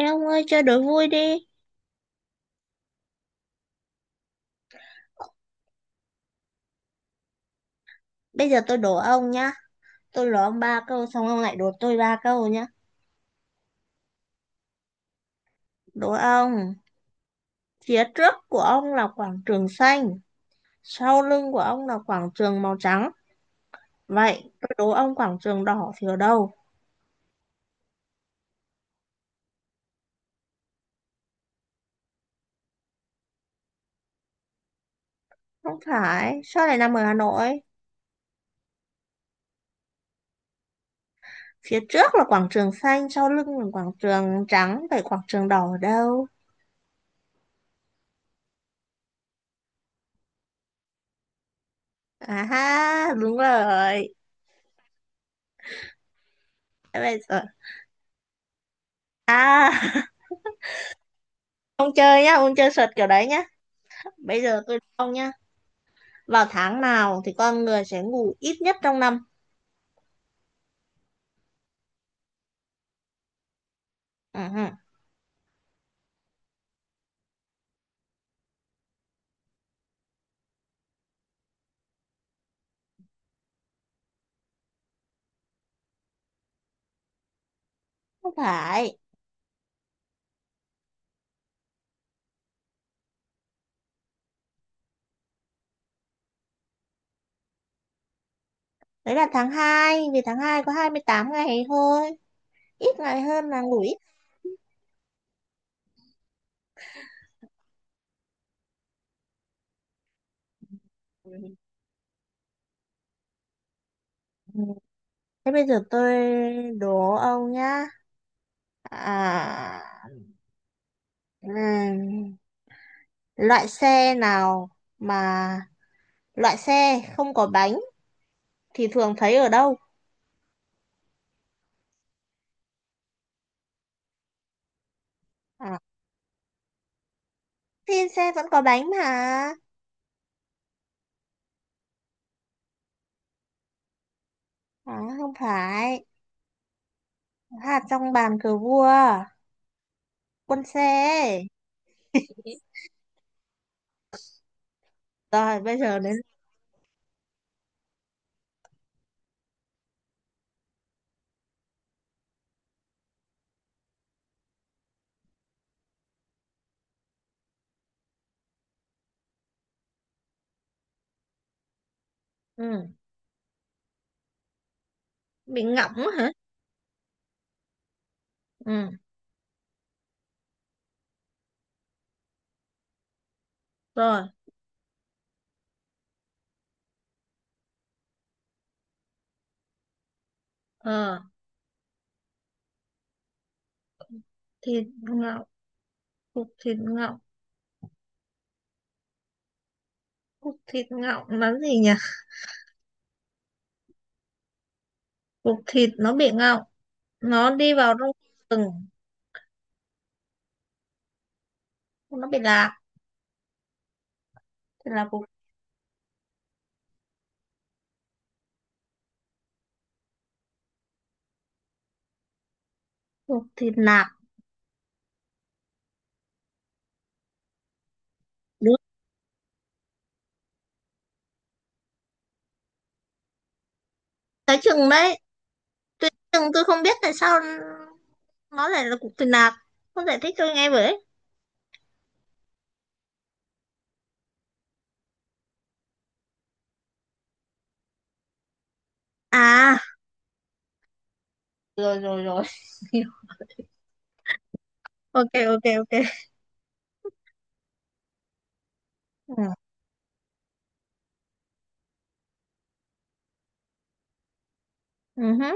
Ê ông ơi, chơi đố vui đi. Bây giờ tôi đố ông nhá. Tôi đố ông ba câu xong ông lại đố tôi ba câu nhá. Đố ông: phía trước của ông là quảng trường xanh, sau lưng của ông là quảng trường màu trắng, vậy tôi đố ông quảng trường đỏ thì ở đâu? Không phải. Sao lại nằm ở Hà Nội? Phía trước là quảng trường xanh, sau lưng là quảng trường trắng, vậy quảng trường đỏ ở đâu? À ha, đúng rồi. Thế bây giờ. À, ông chơi nhá, ông chơi sượt kiểu đấy nhá. Bây giờ tôi đố ông nhá. Vào tháng nào thì con người sẽ ngủ ít nhất trong năm? Ừ, không phải. Đấy là tháng 2 vì tháng 2 có 28 ngày thôi. Ít ngày hơn là ngủ ít. Ừ. Thế bây giờ tôi đố ông nhá. À, ừm, loại xe nào mà loại xe không có bánh thì thường thấy ở đâu? À, thì xe vẫn có bánh mà. À, không phải. Hạt trong bàn cờ vua. Quân xe. Rồi bây giờ đến. Ừ. Bị ngọng á hả? Ừ, rồi, ờ, thịt ngọng, cục thịt ngọng, cục thịt ngọng là gì nhỉ? Cục thịt nó bị ngọng, nó đi vào trong rừng, nó bị lạc thì là cục, cục thịt lạc. Đúng. Cái chừng đấy tôi chừng tôi không biết tại sao nó lại là cục thịt lạc, không giải thích tôi nghe với. À rồi rồi rồi ok ok ok Ừ. Uh.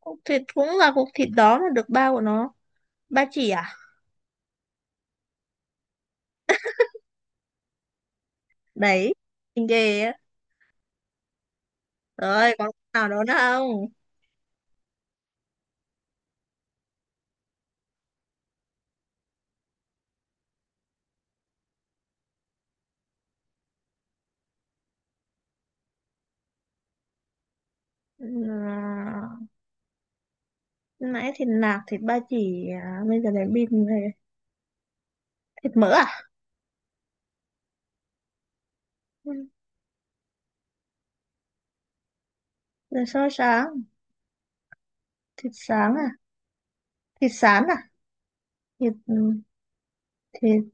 Cục thịt cũng là cục thịt đó mà được bao của nó, ba chỉ à? Đấy, mình ghê á. Rồi, còn nào đó nữa không? À, nãy thịt nạc, thịt ba chỉ, à, bây giờ đến bịt về. Thịt mỡ à? Ừ. Rồi xôi sáng, thịt sáng à? Thịt sán à? Thịt, thịt,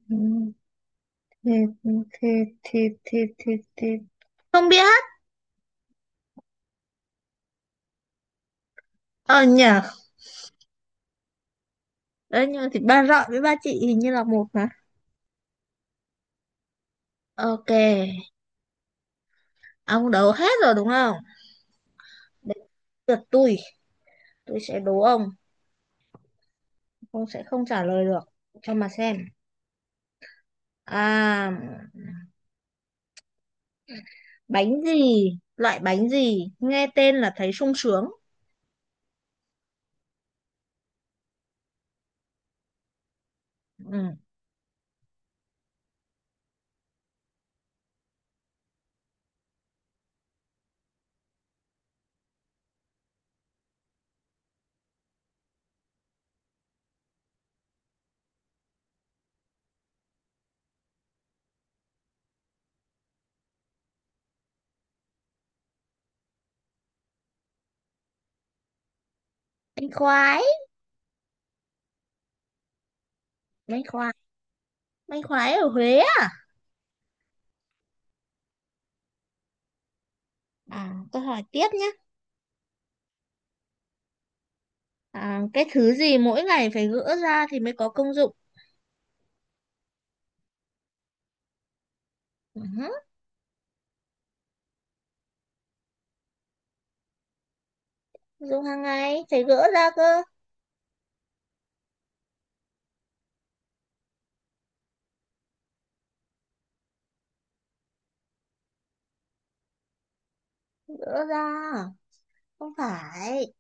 thịt. Không biết. Ờ nhờ. Đấy, nhưng mà thịt ba rọi với ba chị hình như là một mà. Ok, ông đấu hết rồi đúng không? Đến lượt tôi sẽ đố ông. Ông sẽ không trả lời được. Cho mà xem. À... bánh gì? Loại bánh gì nghe tên là thấy sung sướng? Ừ. Bánh khoái. Bánh khoái. Bánh khoái ở Huế á. À, tôi hỏi tiếp nhé. À, cái thứ gì mỗi ngày phải gỡ ra thì mới có công dụng? Ừ. Dùng hàng ngày phải gỡ ra cơ. Gỡ ra. Không phải.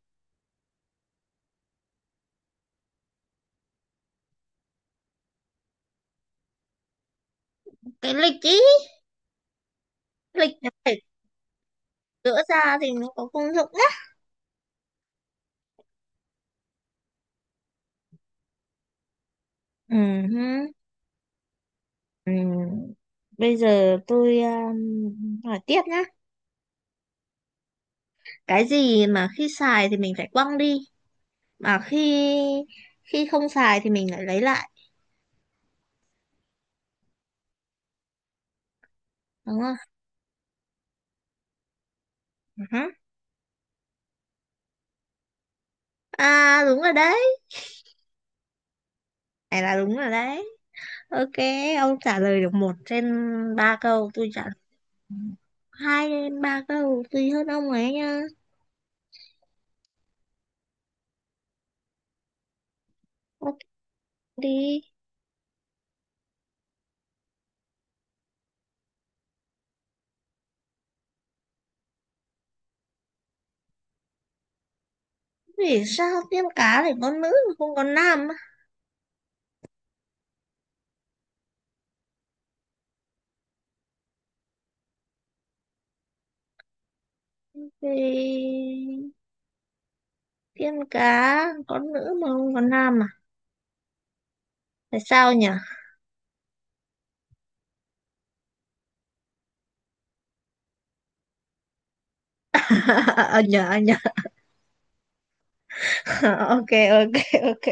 Cái lịch ý. Lịch phải gỡ ra thì mới có công dụng nhá. Ừ hứ. Ừ. Bây giờ tôi hỏi tiếp nhé. Cái gì mà khi xài thì mình phải quăng đi, mà khi khi không xài thì mình lại lấy lại, đúng không? Ừ hứ. À đúng rồi đấy, này là đúng rồi đấy. Ok, ông trả lời được 1/3 câu, tôi trả lời 2/3 câu, tùy hơn ông ấy nha. Ok, đi. Vì sao tiên cá lại có nữ mà không có nam á? Thì tiên cá có nữ mà không có nam à? Tại sao nhỉ? Ờ nhờ, ờ nhờ. ok ok ok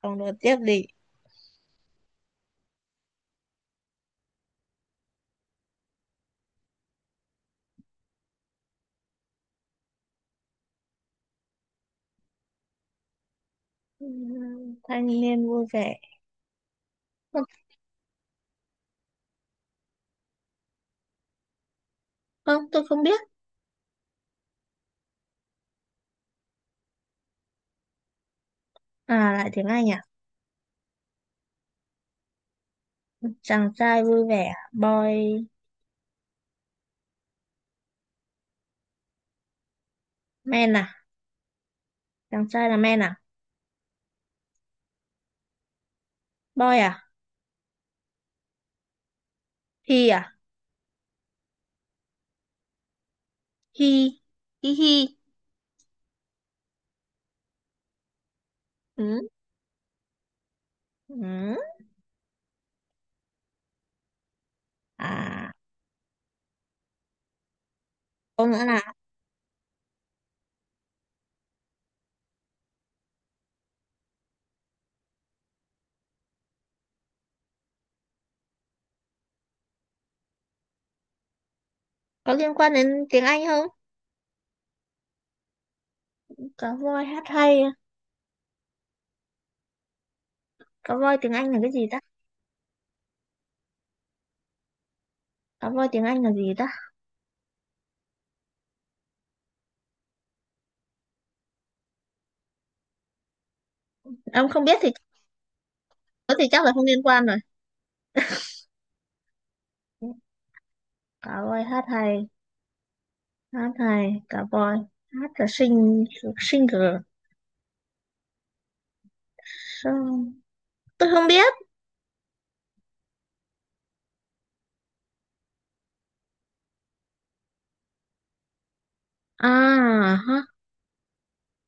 Ông nói tiếp đi. Thanh niên vui vẻ. Không, không, tôi không biết. À, lại tiếng Anh à? Chàng trai vui vẻ. Boy. Man à? Chàng trai là man à? Boy à? He à? He. He he. Ừ. Ừ. À, câu nữa là có liên quan đến tiếng Anh không? Cá voi hát hay. Cá voi tiếng Anh là cái gì ta? Cá voi tiếng Anh là gì ta? Ông không biết thì có thì chắc là không liên quan rồi. Cá voi hát hay. Hát hay. Cá voi. Hát là sing, singer. Song-. Tôi không biết. À.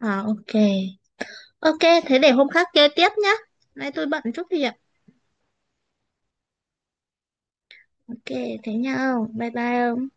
À ok. Ok, thế để hôm khác chơi tiếp nhá. Nay tôi bận chút việc. Ok, thế nhau. Bye bye.